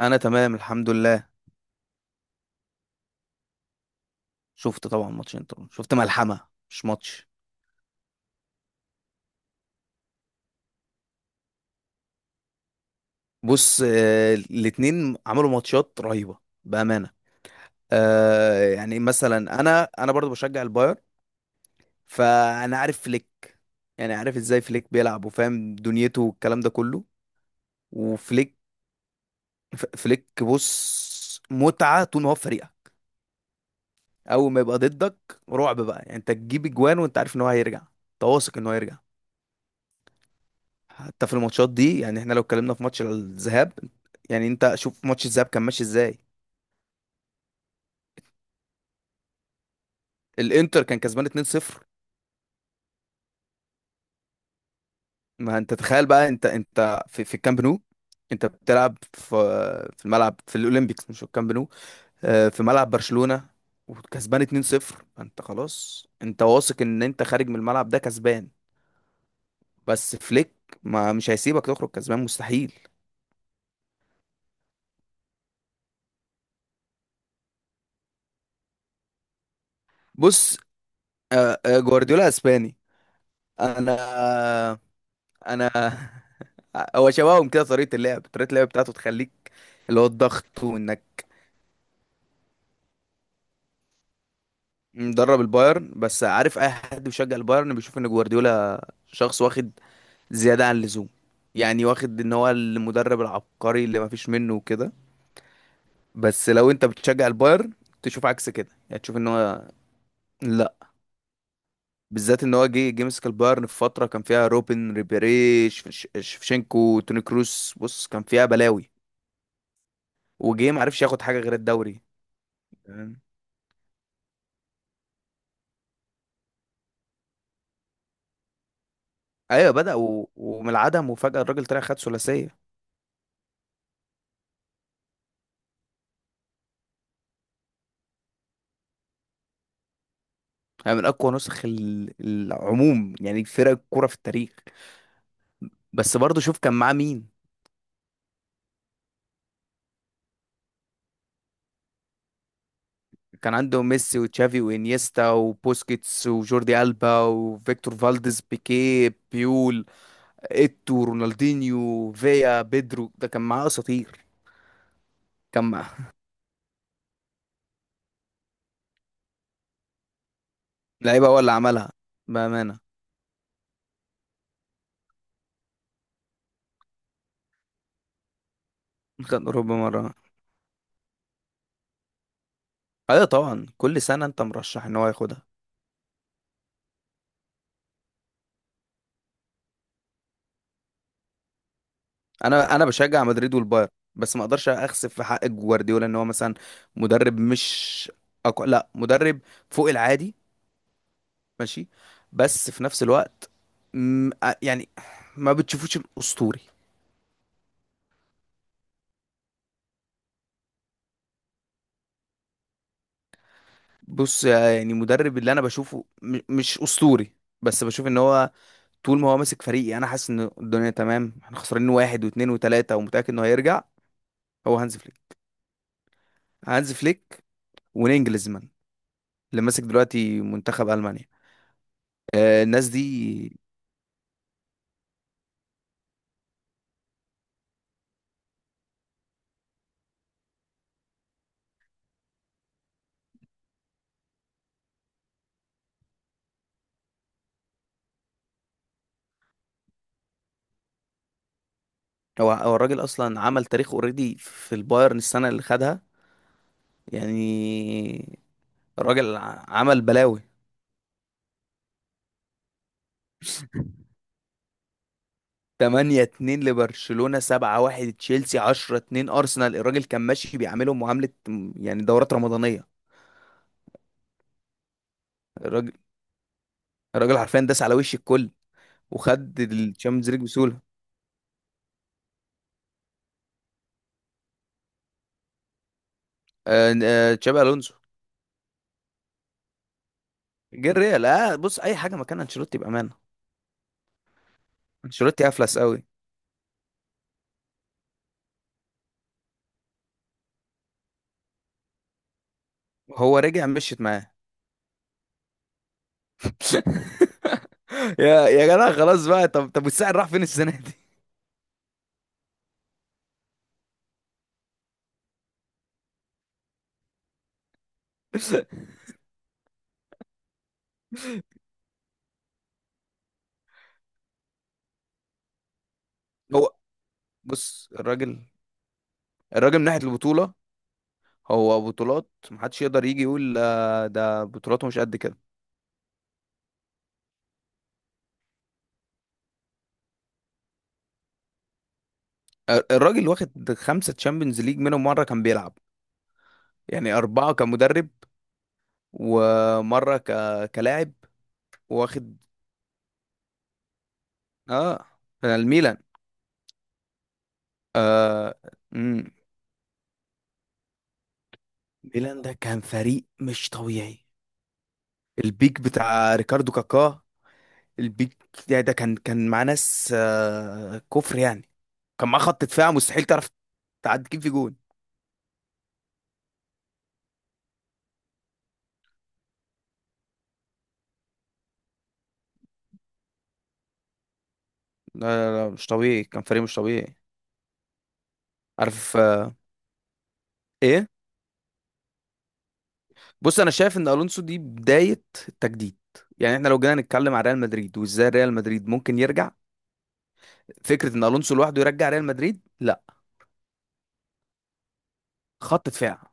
انا تمام الحمد لله. شفت طبعا ماتشين، طبعا شفت ملحمه مش ماتش. بص، الاتنين عملوا ماتشات رهيبه بامانه. يعني مثلا انا برضو بشجع الباير، فانا عارف فليك. يعني عارف ازاي فليك بيلعب وفاهم دنيته والكلام ده كله. وفليك، فليك بص متعه طول ما هو في فريقك. اول ما يبقى ضدك رعب بقى، يعني انت تجيب اجوان وانت عارف ان هو هيرجع، تواثق ان هو هيرجع. حتى في الماتشات دي، يعني احنا لو اتكلمنا في ماتش الذهاب، يعني انت شوف ماتش الذهاب كان ماشي ازاي. الانتر كان كسبان 2-0. ما انت تخيل بقى، انت في الكامب نو. انت بتلعب في في الملعب في الاولمبيكس، مش في الكامب نو. في ملعب برشلونة وكسبان 2-0. فانت خلاص انت واثق ان انت خارج من الملعب ده كسبان. بس فليك ما مش هيسيبك تخرج كسبان، مستحيل. بص، جوارديولا اسباني. انا انا هو شبههم كده، طريقه اللعب، طريقه اللعب بتاعته تخليك، اللي هو الضغط وانك مدرب البايرن. بس عارف اي حد بيشجع البايرن بيشوف ان جوارديولا شخص واخد زياده عن اللزوم. يعني واخد ان هو المدرب العبقري اللي مفيش منه وكده. بس لو انت بتشجع البايرن تشوف عكس كده. يعني تشوف ان هو لا، بالذات ان هو جه مسك البايرن في فتره كان فيها روبن، ريبيري، شفشنكو، توني كروس. بص كان فيها بلاوي. وجه معرفش ياخد حاجه غير الدوري. ايوه بدأ ومن العدم وفجأة الراجل طلع خد ثلاثية. يعني من اقوى نسخ العموم، يعني فرق الكوره في التاريخ. بس برضه شوف كان معاه مين. كان عنده ميسي وتشافي وانيستا وبوسكيتس وجوردي ألبا وفيكتور فالديز، بيكيه، بيول، ايتو، رونالدينيو، فيا، بيدرو. ده كان معاه اساطير. كان معاه لعيبه هو اللي عملها بامانه. خد اوروبا مره. ايوه طبعا، كل سنه انت مرشح ان هو ياخدها. انا بشجع مدريد والبايرن، بس ما اقدرش اخسف في حق جوارديولا. ان هو مثلا مدرب مش لا، مدرب فوق العادي، ماشي. بس في نفس الوقت، م... آه، يعني ما بتشوفوش الاسطوري. بص، يعني مدرب اللي انا بشوفه مش اسطوري، بس بشوف ان هو طول ما هو ماسك فريقي انا حاسس ان الدنيا تمام. احنا خسرانين واحد واثنين وثلاثة، ومتأكد انه هيرجع. هو هانز فليك. هانز فليك ونينجلزمان اللي ماسك دلوقتي منتخب المانيا. الناس دي، هو هو الراجل اصلا عمل تاريخ اوريدي في البايرن السنه اللي خدها. يعني الراجل عمل بلاوي. 8-2 لبرشلونه، 7-1 تشيلسي، 10-2 ارسنال. الراجل كان ماشي بيعاملهم معامله يعني دورات رمضانيه. الراجل الراجل حرفيا داس على وش الكل وخد الشامبيونز ليج بسهوله. تشابي الونسو. جه الريال، آه، بص اي حاجه مكان انشيلوتي بامانه. انشيلوتي افلس قوي. هو رجع، مشيت معاه. يا يا جدع خلاص بقى، طب طب والسعر راح فين السنه دي؟ هو بص، الراجل الراجل من ناحية البطولة، هو بطولات محدش يقدر يجي يقول ده بطولاته مش قد كده. الراجل واخد خمسة تشامبيونز ليج، منهم مرة كان بيلعب. يعني أربعة كمدرب، ومرة كلاعب. واخد. اه الميلان. آه... مم. ميلان ده كان فريق مش طبيعي. البيك بتاع ريكاردو كاكا، البيك ده كان كان مع ناس، كفر يعني. كان معاه خط دفاع مستحيل تعرف تعدي كيف في جون. لا لا لا، مش طبيعي، كان فريق مش طبيعي. عارف، ايه. بص انا شايف ان الونسو دي بدايه التجديد. يعني احنا لو جينا نتكلم عن ريال مدريد وازاي ريال مدريد ممكن يرجع، فكره ان الونسو لوحده يرجع ريال مدريد، لا. خط دفاع،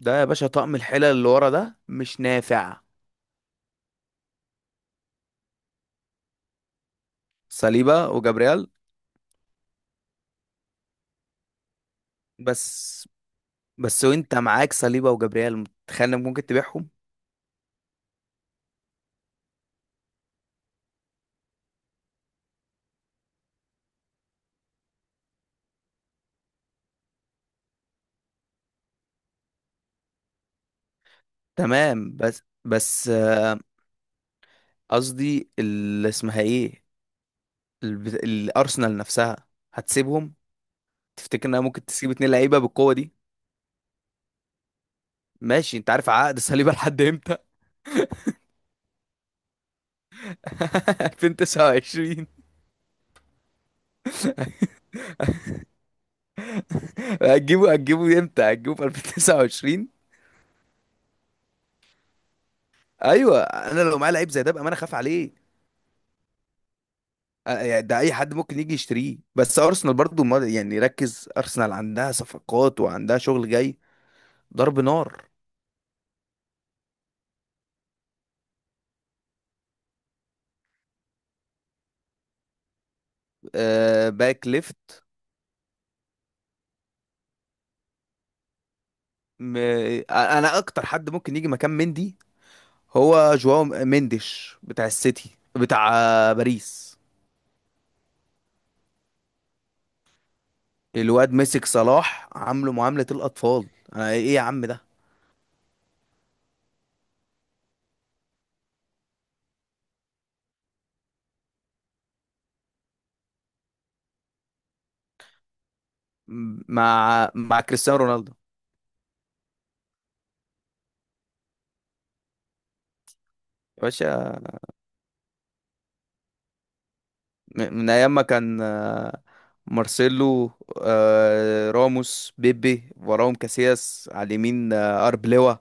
ده يا باشا طقم الحلل اللي ورا ده مش نافع. صليبا وجابريال. بس بس وانت معاك صليبا وجابريال تخيل إنك ممكن تبيعهم. تمام بس، بس قصدي اللي اسمها ايه، الارسنال نفسها هتسيبهم؟ تفتكر انها ممكن تسيب اتنين لعيبه بالقوه دي؟ ماشي انت عارف عقد صليبه لحد امتى؟ 2029. هتجيبه هتجيبه امتى؟ هتجيبه في 2029؟ ايوه انا لو معايا لعيب زي ده بقى انا خاف عليه. يعني ده اي حد ممكن يجي يشتريه. بس ارسنال برضو يعني ركز، ارسنال عندها صفقات وعندها شغل جاي، ضرب نار. آه باك ليفت. م... انا اكتر حد ممكن يجي مكان مندي هو جواو مندش بتاع السيتي، بتاع باريس. الواد مسك صلاح عامله معاملة الأطفال. أنا إيه يا عم ده؟ مع مع كريستيانو رونالدو، يا باشا. من أيام ما كان مارسيلو، راموس، بيبي، وراهم كاسياس، على اليمين أربلوا.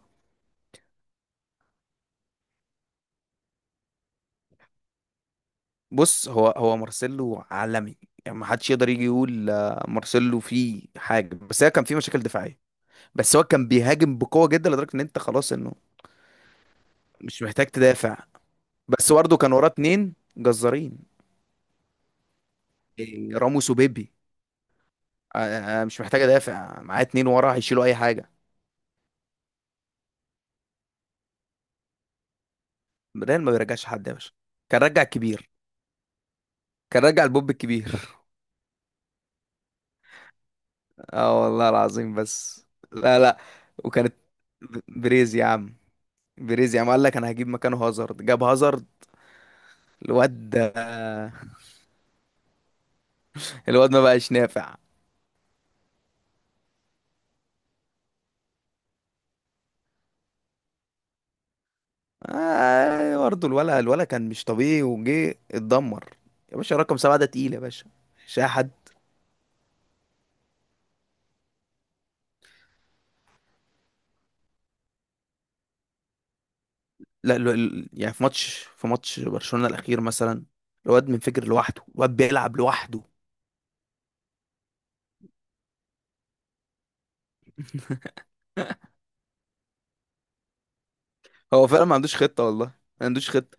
بص هو هو مارسيلو عالمي. يعني ما حدش يقدر يجي يقول مارسيلو فيه حاجة. بس هي كان فيه مشاكل دفاعية، بس هو كان بيهاجم بقوة جدا لدرجة إن أنت خلاص إنه مش محتاج تدافع. بس برضه كان وراه اتنين جزارين. راموس وبيبي. أنا مش محتاج ادافع، معاه اتنين ورا هيشيلوا اي حاجه. ريال ما بيرجعش حد يا باشا، كان رجع الكبير، كان رجع البوب الكبير. اه والله العظيم، بس لا لا. وكانت، بريز يا عم، بريز يا عم قال لك انا هجيب مكانه هازارد، جاب هازارد. الواد، الواد ما بقاش نافع. آه برضه الولا كان مش طبيعي، وجه اتدمر. يا باشا رقم سبعة ده تقيل يا باشا، مش اي حد. لا يعني في ماتش، في ماتش برشلونة الأخير مثلا، الواد منفجر لوحده، الواد بيلعب لوحده. هو فعلا ما عندوش خطة، والله ما عندوش خطة.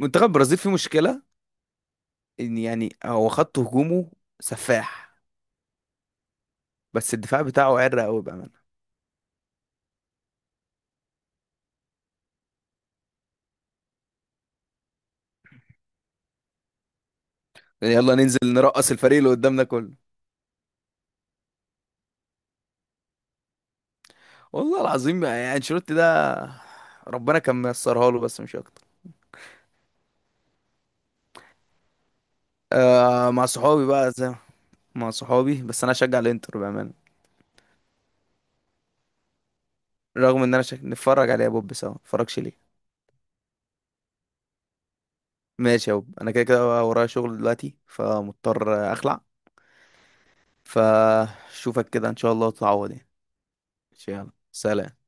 منتخب البرازيل فيه مشكلة، إن يعني هو خط هجومه سفاح، بس الدفاع بتاعه عرق قوي بأمانة. يعني يلا ننزل نرقص الفريق اللي قدامنا كله. والله العظيم يعني انشيلوتي ده ربنا كان ميسرها له بس مش أكتر. آه مع صحابي بقى، زي مع صحابي. بس أنا أشجع الإنتر بأمانة، رغم إن أنا نتفرج عليه يا بوب سوا، نتفرجش ليه؟ ماشي يا وب. انا كده كده ورايا شغل دلوقتي، فمضطر اخلع. فشوفك كده ان شاء الله، وتتعوض يعني. ماشي، يلا سلام.